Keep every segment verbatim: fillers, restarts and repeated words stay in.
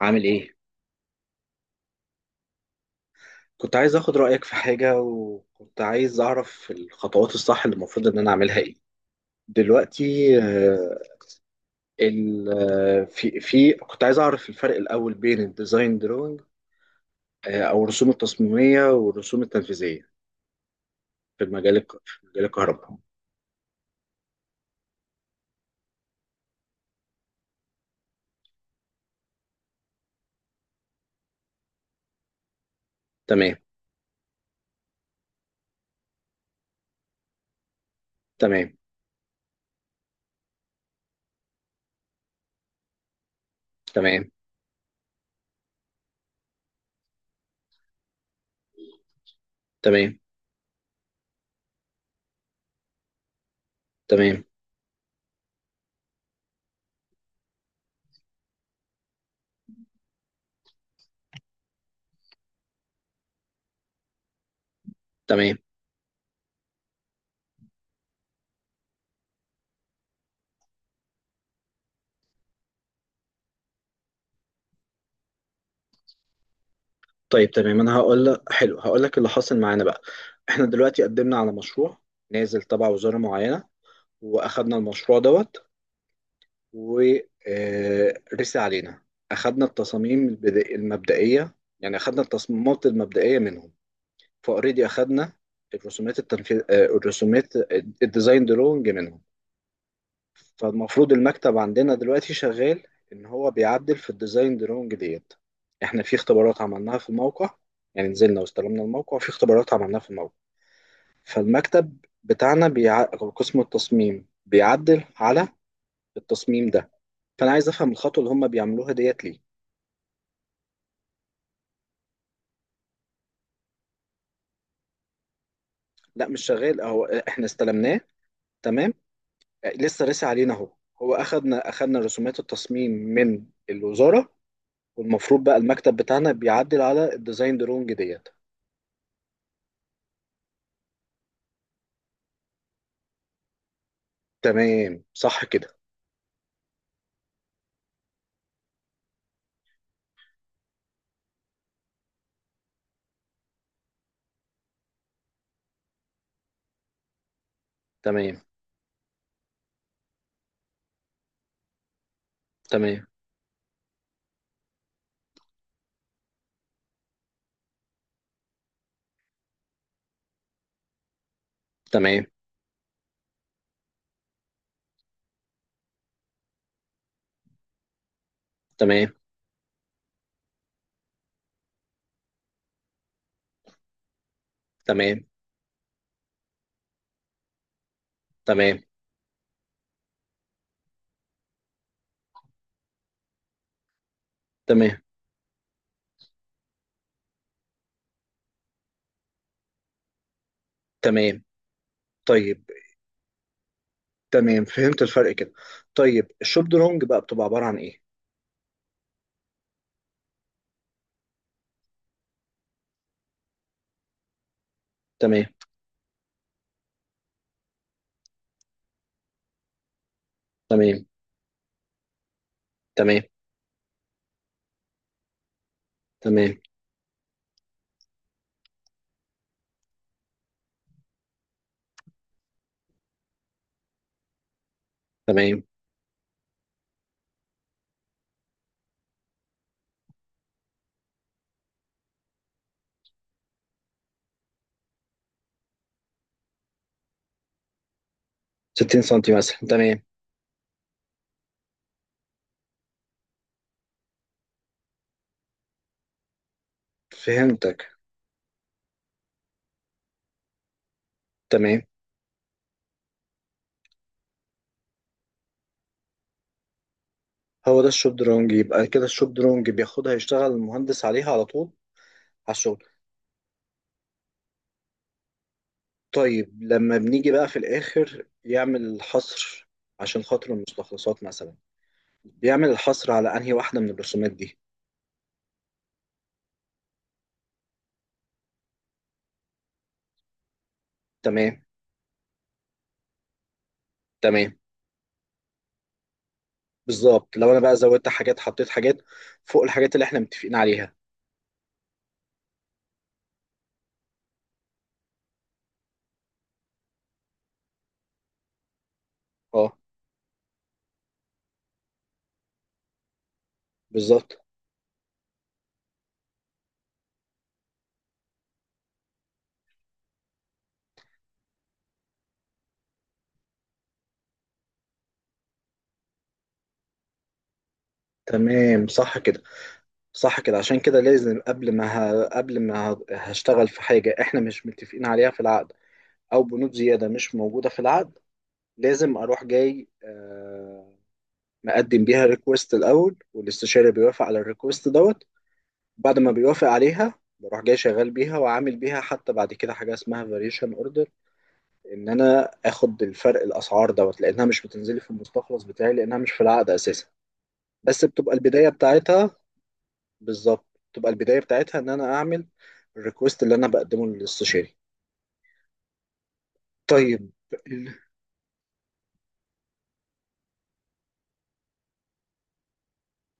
عامل ايه؟ كنت عايز اخد رأيك في حاجة، وكنت عايز اعرف الخطوات الصح اللي المفروض ان انا اعملها ايه دلوقتي. آه، ال آه، في في كنت عايز اعرف الفرق الاول بين الديزاين دروينج، آه، او الرسوم التصميمية والرسوم التنفيذية في المجال الك- في مجال الكهرباء. تمام. تمام. تمام. تمام. تمام. تمام. طيب. تمام، انا هقول لك، حلو هقول لك اللي حاصل معانا بقى. احنا دلوقتي قدمنا على مشروع نازل تبع وزارة معينة، واخدنا المشروع دوت ورسي علينا. اخدنا التصاميم البدا- المبدئيه، يعني اخدنا التصميمات المبدئيه منهم فاوريدي. اخدنا الرسومات التنفيذ آه، الرسومات آه، الديزاين درونج منهم. فالمفروض المكتب عندنا دلوقتي شغال ان هو بيعدل في الديزاين درونج ديت. احنا في اختبارات عملناها في الموقع، يعني نزلنا واستلمنا الموقع وفي اختبارات عملناها في الموقع. فالمكتب بتاعنا بيع... أو قسم التصميم بيعدل على التصميم ده. فانا عايز افهم الخطوه اللي هم بيعملوها ديت ليه. لا، مش شغال، اهو احنا استلمناه. تمام. لسه رسي علينا اهو. هو اخدنا اخدنا رسومات التصميم من الوزاره، والمفروض بقى المكتب بتاعنا بيعدل على الديزاين درونج ديت. تمام صح كده. تمام. تمام. تمام. تمام. تمام. تمام. تمام. تمام. طيب. تمام، فهمت الفرق كده. طيب الشوب درونج بقى بتبقى عباره عن ايه؟ تمام. تمام. تمام. تمام. تمام. ستين سنتي مثلا. تمام. فهمتك. تمام. هو ده الشبدرونج، يبقى كده الشبدرونج بياخدها يشتغل المهندس عليها على طول على الشغل. طيب لما بنيجي بقى في الآخر يعمل حصر عشان خاطر المستخلصات مثلا، بيعمل الحصر على أنهي واحدة من الرسومات دي؟ تمام. تمام. بالظبط، لو أنا بقى زودت حاجات حطيت حاجات فوق الحاجات اللي احنا متفقين عليها. اه. بالظبط. تمام صح كده. صح كده، عشان كده لازم قبل ما، ه... قبل ما ه- هشتغل في حاجة احنا مش متفقين عليها في العقد، او بنود زيادة مش موجودة في العقد، لازم اروح جاي آه، مقدم بيها ريكوست الاول، والاستشاري بيوافق على الريكوست دوت. بعد ما بيوافق عليها بروح جاي شغال بيها وعامل بيها، حتى بعد كده حاجه اسمها فاريشن اوردر، ان انا اخد الفرق الاسعار دوت لانها مش بتنزلي في المستخلص بتاعي لانها مش في العقد اساسا. بس بتبقى البدايه بتاعتها، بالظبط. بتبقى البدايه بتاعتها ان انا اعمل الريكوست اللي انا بقدمه للاستشاري. طيب. ال-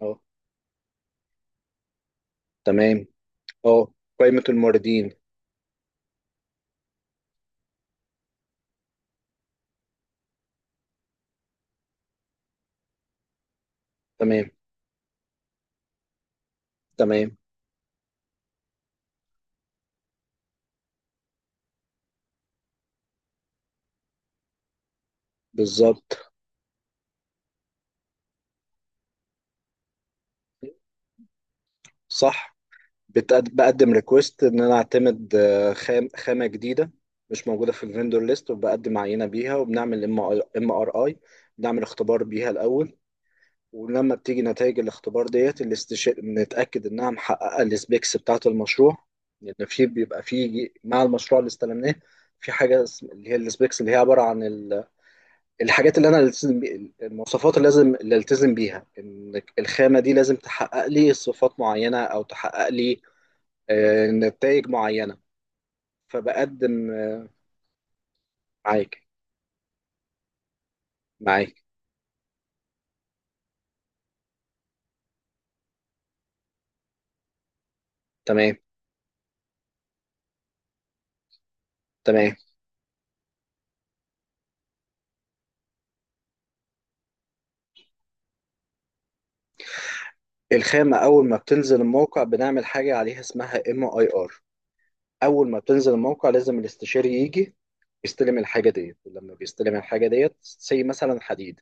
اه. تمام. اه. قائمه الموردين. تمام. تمام. بالظبط. صح. بتقد- بقدم ريكوست ان انا اعتمد آه، خام خامه جديده مش موجوده في الفندور ليست، وبقدم عينه بيها وبنعمل ام ار اي، بنعمل اختبار بيها الاول. ولما بتيجي نتائج الاختبار ديت الاستش... نتاكد انها محققه السبيكس بتاعه المشروع، لان في بيبقى في مع المشروع اللي استلمناه في حاجه اسم- اللي هي السبيكس، اللي هي عباره عن ال- الحاجات اللي انا التزم بي... المواصفات اللي لازم اللي التزم بيها ان الخامه دي لازم تحقق لي صفات معينه، او تحقق لي آه، نتائج معينة. فبقدم آه، معاك. معاك. تمام. تمام. الخامة أول ما بتنزل الموقع بنعمل حاجة عليها اسمها ام اي ار. أول ما بتنزل الموقع لازم الاستشاري يجي يستلم الحاجة ديت، ولما بيستلم الحاجة ديت زي مثلا حديد،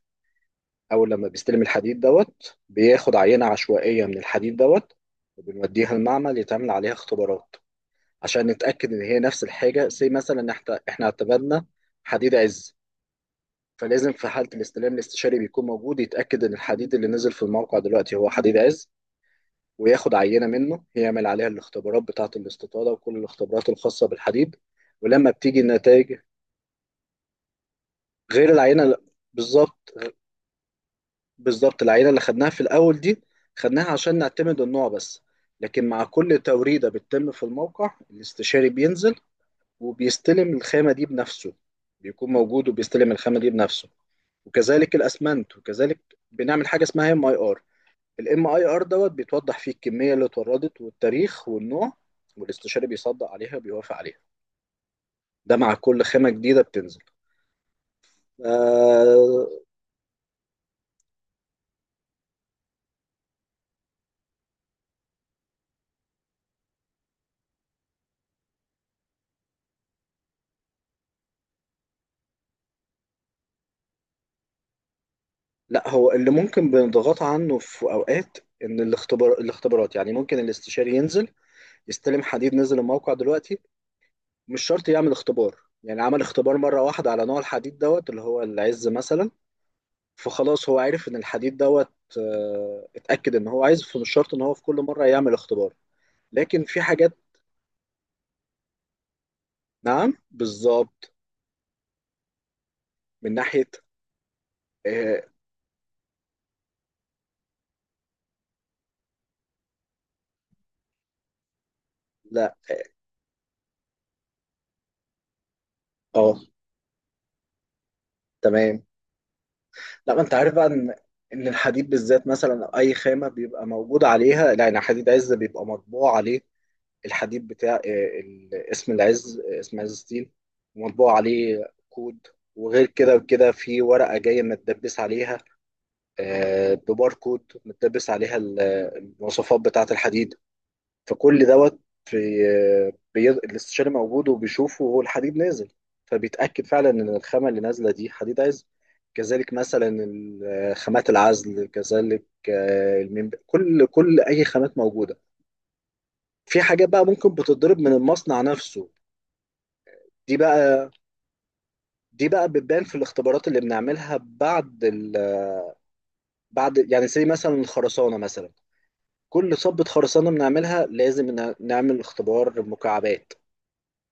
أول لما بيستلم الحديد دوت بياخد عينة عشوائية من الحديد دوت، وبنوديها المعمل يتعمل عليها اختبارات عشان نتأكد إن هي نفس الحاجة زي مثلا إحنا إحنا اعتمدنا حديد عز. فلازم في حالة الاستلام الاستشاري بيكون موجود يتأكد إن الحديد اللي نزل في الموقع دلوقتي هو حديد عز، وياخد عينة منه يعمل عليها الاختبارات بتاعة الاستطالة وكل الاختبارات الخاصة بالحديد ولما بتيجي النتائج. غير العينة. بالظبط. بالظبط، العينة اللي خدناها في الأول دي خدناها عشان نعتمد النوع بس. لكن مع كل توريدة بتتم في الموقع الاستشاري بينزل وبيستلم الخامة دي بنفسه، بيكون موجود وبيستلم الخامة دي بنفسه، وكذلك الأسمنت وكذلك. بنعمل حاجة اسمها ام اي ار. الام اي ار دوت بيتوضح فيه الكميه اللي اتوردت والتاريخ والنوع، والاستشاري بيصدق عليها بيوافق عليها. ده مع كل خامه جديده بتنزل. آه لا، هو اللي ممكن بنضغط عنه في اوقات، ان الاختبار الاختبارات يعني ممكن الاستشاري ينزل يستلم حديد نزل الموقع دلوقتي مش شرط يعمل اختبار. يعني عمل اختبار مره واحده على نوع الحديد دوت اللي هو العز مثلا، فخلاص هو عرف ان الحديد دوت آه، اتاكد ان هو عايز، فمش شرط ان هو في كل مره يعمل اختبار لكن في حاجات. نعم بالظبط. من ناحية. آه. لا. اه. تمام. لا، ما انت عارف بقى ان ان الحديد بالذات مثلا أو اي خامة بيبقى موجود عليها لا يعني حديد عز بيبقى مطبوع عليه. الحديد بتاع آه ال- اسم العز، آه اسم عز ستيل، ومطبوع عليه كود. وغير كده وكده في ورقة جاية متدبس عليها، آه بباركود متدبس عليها ال- المواصفات بتاعة الحديد، فكل دوت في بي... الاستشاري موجود وبيشوفه وهو الحديد نازل، فبيتأكد فعلا إن الخامة اللي نازلة دي حديد عزل. كذلك مثلا ال- خامات العزل، كذلك آه، الميم، كل كل أي خامات موجودة. في حاجات بقى ممكن بتضرب من المصنع نفسه. دي بقى دي بقى بتبان في الاختبارات اللي بنعملها بعد ال... بعد يعني زي مثلا الخرسانة مثلا. كل صبة خرسانة بنعملها لازم نع- نعمل اختبار مكعبات.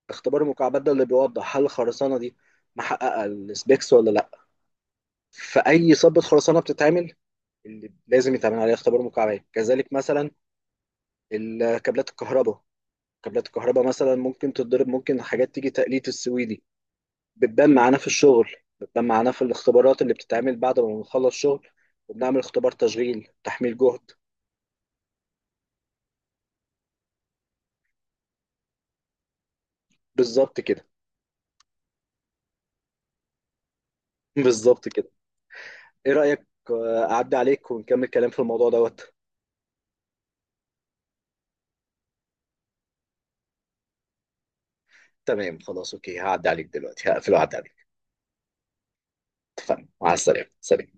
اختبار المكعبات ده اللي بيوضح هل الخرسانه دي محققه السبيكس ولا لا. في اي صبة خرسانه بتتعمل اللي لازم يتعمل عليها اختبار مكعبات. كذلك مثلا ال- كابلات الكهرباء. كابلات الكهرباء مثلا ممكن تتضرب، ممكن حاجات تيجي تقليد السويدي، بتبان معانا في الشغل، بتبان معانا في الاختبارات اللي بتتعمل بعد ما بنخلص شغل وبنعمل اختبار تشغيل تحميل جهد. بالظبط كده. بالظبط كده. ايه رأيك آه، اعدي عليك ونكمل كلام في الموضوع دوت؟ تمام خلاص اوكي، هعدي عليك دلوقتي، هقفل وأعدي عليك. اتفقنا، مع السلامة، سلام.